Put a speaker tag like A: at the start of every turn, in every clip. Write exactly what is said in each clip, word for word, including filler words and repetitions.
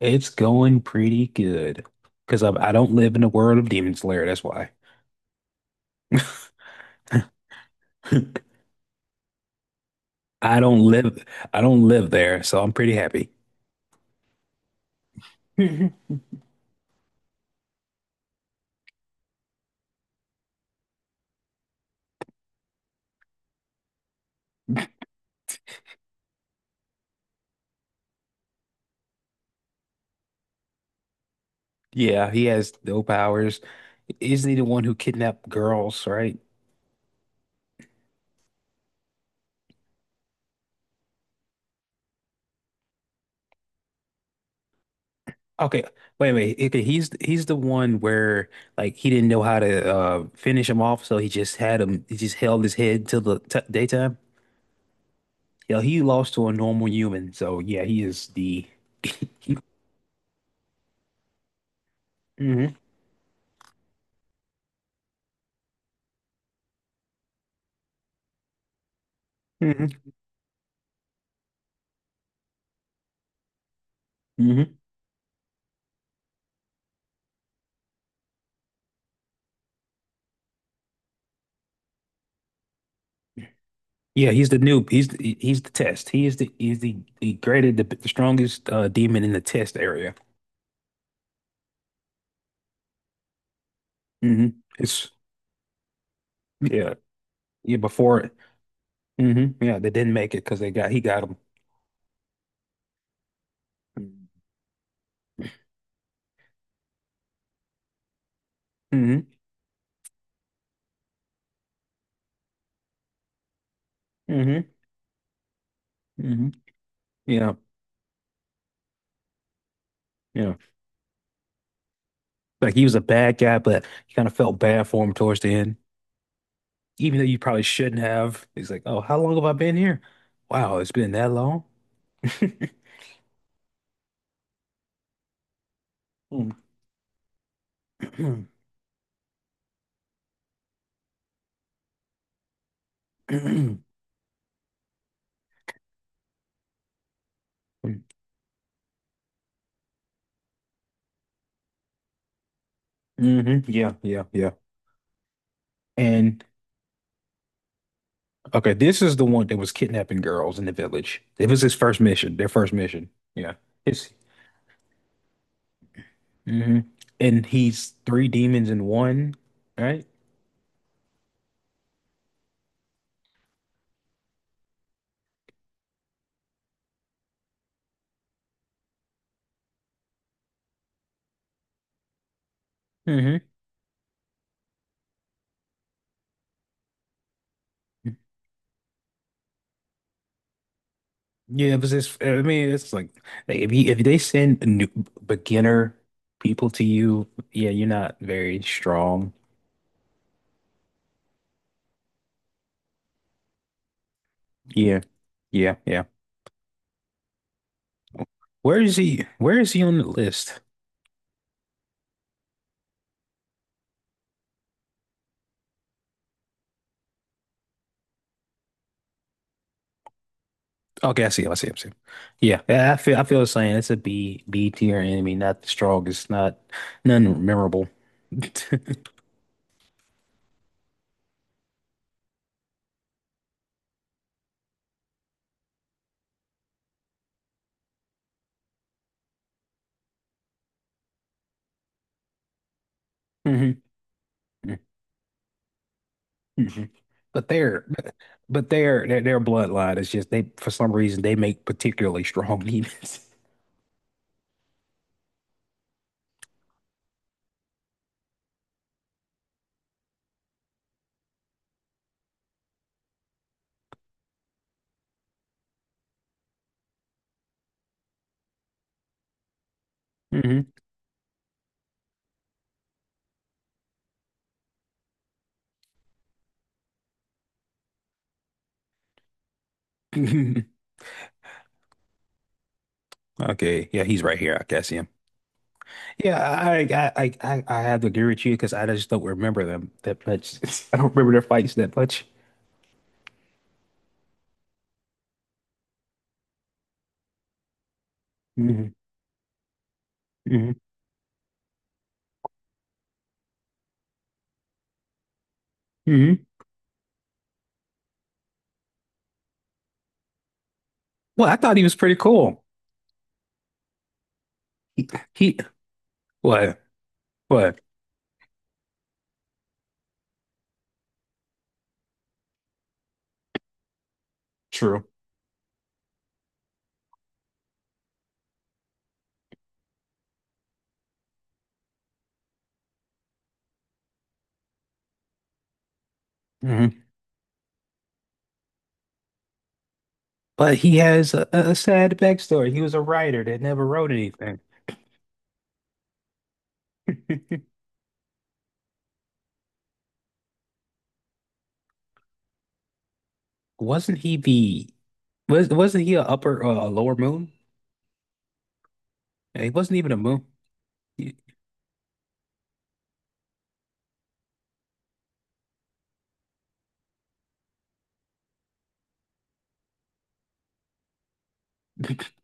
A: It's going pretty good because I I don't live in the world of Demon Slayer. That's why I don't live I don't live there, so I'm pretty happy. Yeah, he has no powers. Isn't he the one who kidnapped girls, right? Okay, wait a minute. Okay, he's he's the one where like he didn't know how to uh finish him off, so he just had him. He just held his head till the t daytime. Yeah, he lost to a normal human, so yeah, he is the. hmm hmm hmm Yeah, he's the noob. He's the, he's the test. He is the he's the the greatest, the, the strongest uh, demon in the test area. hmm It's Yeah, yeah. Before, hmm yeah, they didn't make it because they got he got him. hmm hmm hmm Yeah, yeah. Like he was a bad guy, but you kind of felt bad for him towards the end, even though you probably shouldn't have. He's like, oh, how long have I been here? Wow, it's been that long. hmm Yeah, yeah, yeah. And Okay, this is the one that was kidnapping girls in the village. It was his first mission, their first mission. Yeah. It's hmm And he's three demons in one, right? hmm Yeah, it was his I mean, it's like like, if he, if they send new beginner people to you, yeah, you're not very strong. Yeah. Yeah, yeah. Where is he? Where is he on the list? Okay, I see him. I see him. I see him. Yeah, yeah. I feel. I feel the same. It's a B B tier enemy, not the strongest, not none memorable. hmm hmm But their, but their, their their bloodline is just they for some reason they make particularly strong demons. hmm Okay, yeah, he's right here. I can see him. Yeah, I I I I I have to agree with you because I just don't remember them that much. I don't remember their fights that much. hmm hmm hmm Well, I thought he was pretty cool. He, he What? What? True. hmm But he has a, a sad backstory. He was a writer that never wrote anything. Wasn't he the was wasn't he a upper uh, a lower moon? He wasn't even a moon. He-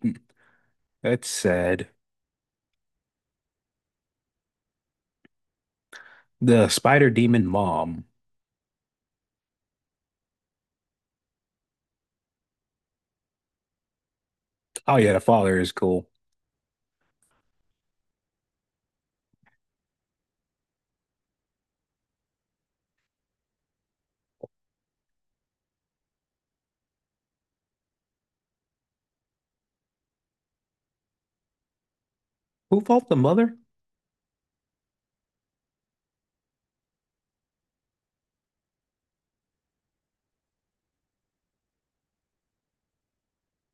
A: hmm, that's sad. The spider demon mom. Oh yeah, the father is cool. Who fought the mother?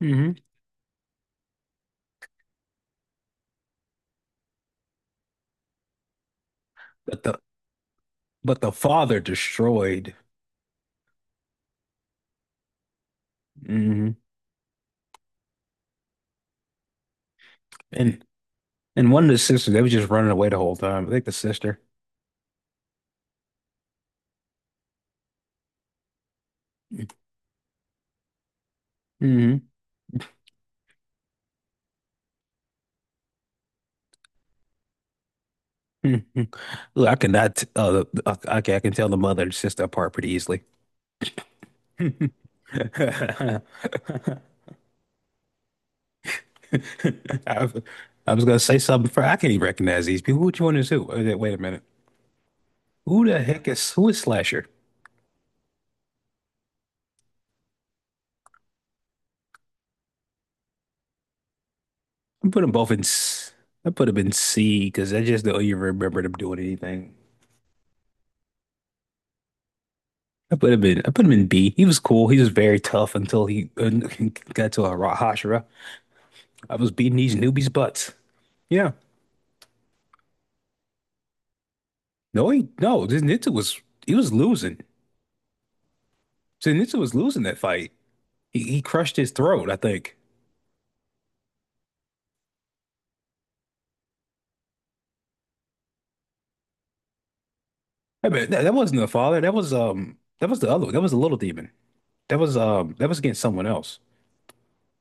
A: hmm But the but the father destroyed. hmm And and one of the sisters, they was just running away the whole time. I think the sister. hmm Mhm. Look, I cannot. Uh, uh, okay, I can tell the mother and sister apart pretty easily. I, was- I was gonna say something for I can't even recognize these people. Which one is who? Wait a wait a minute. Who the heck is who is Slasher? I put them both in. S- I put them in C because I just don't even remember them doing anything. I put him in. I put him in B. He was cool. He was very tough until he uh, got to a Hashira. I was beating these newbies' butts. Yeah. No, he no. Zenitsu was he was losing. Zenitsu was losing that fight. He he crushed his throat, I think. I mean, that, that wasn't the father. That was um that was the other one. That was the little demon. That was um that was against someone else.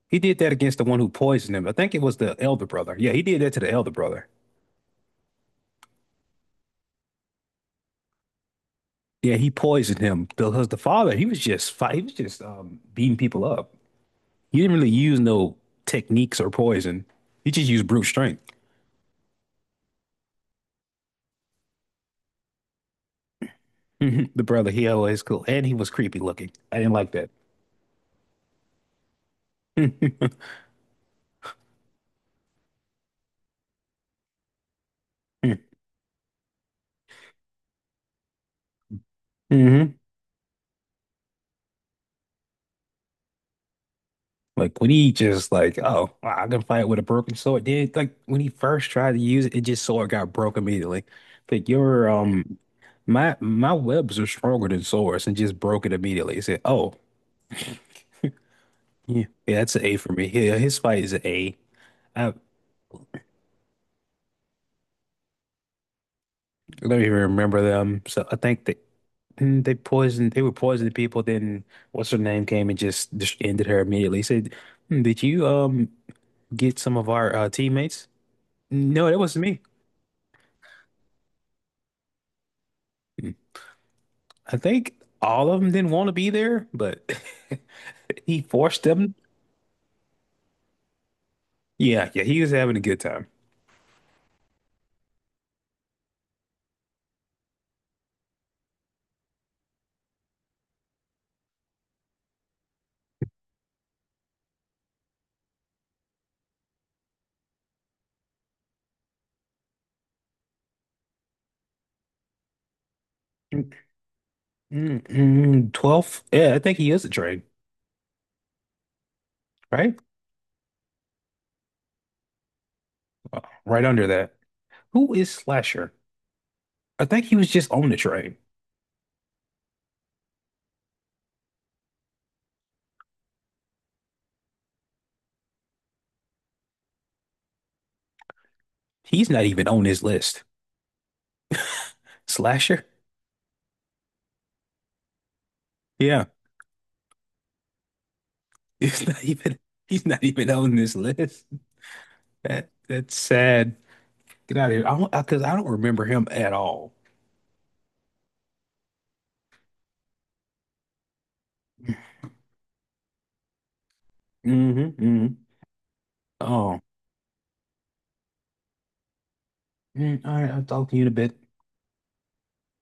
A: He did that against the one who poisoned him. I think it was the elder brother. Yeah, he did that to the elder brother. Yeah, he poisoned him because the father he was just fight. He was just um beating people up. He didn't really use no techniques or poison. He just used brute strength. The brother he always cool and he was creepy looking. I didn't like that. hmm Like when he just like, oh, I can fight with a broken sword. Then like when he first tried to use it, it just sword got broke immediately. Like your um my my webs are stronger than swords and just broke it immediately. He said, oh, yeah, yeah, that's an A for me. Yeah, his fight is an A. I don't even remember them. So I think that mm, they poisoned they were poisoning people, then what's her name came and just dis- ended her immediately. He said, "Hmm, Did you um get some of our uh, teammates?" No, that wasn't me. I think all of them didn't want to be there, but he forced them. Yeah, yeah, he was having a good time. Mm, mm, mm, twelfth. Yeah, I think he is a train, right? Uh, Right under that. Who is Slasher? I think he was just on the train. He's not even on this list. Slasher? Yeah, he's not even he's not even on this list. That that's sad. Get out of here. I don't because I don't remember him at all. Mm-hmm. hmm Oh, mm, all right. I'll talk to you in a bit.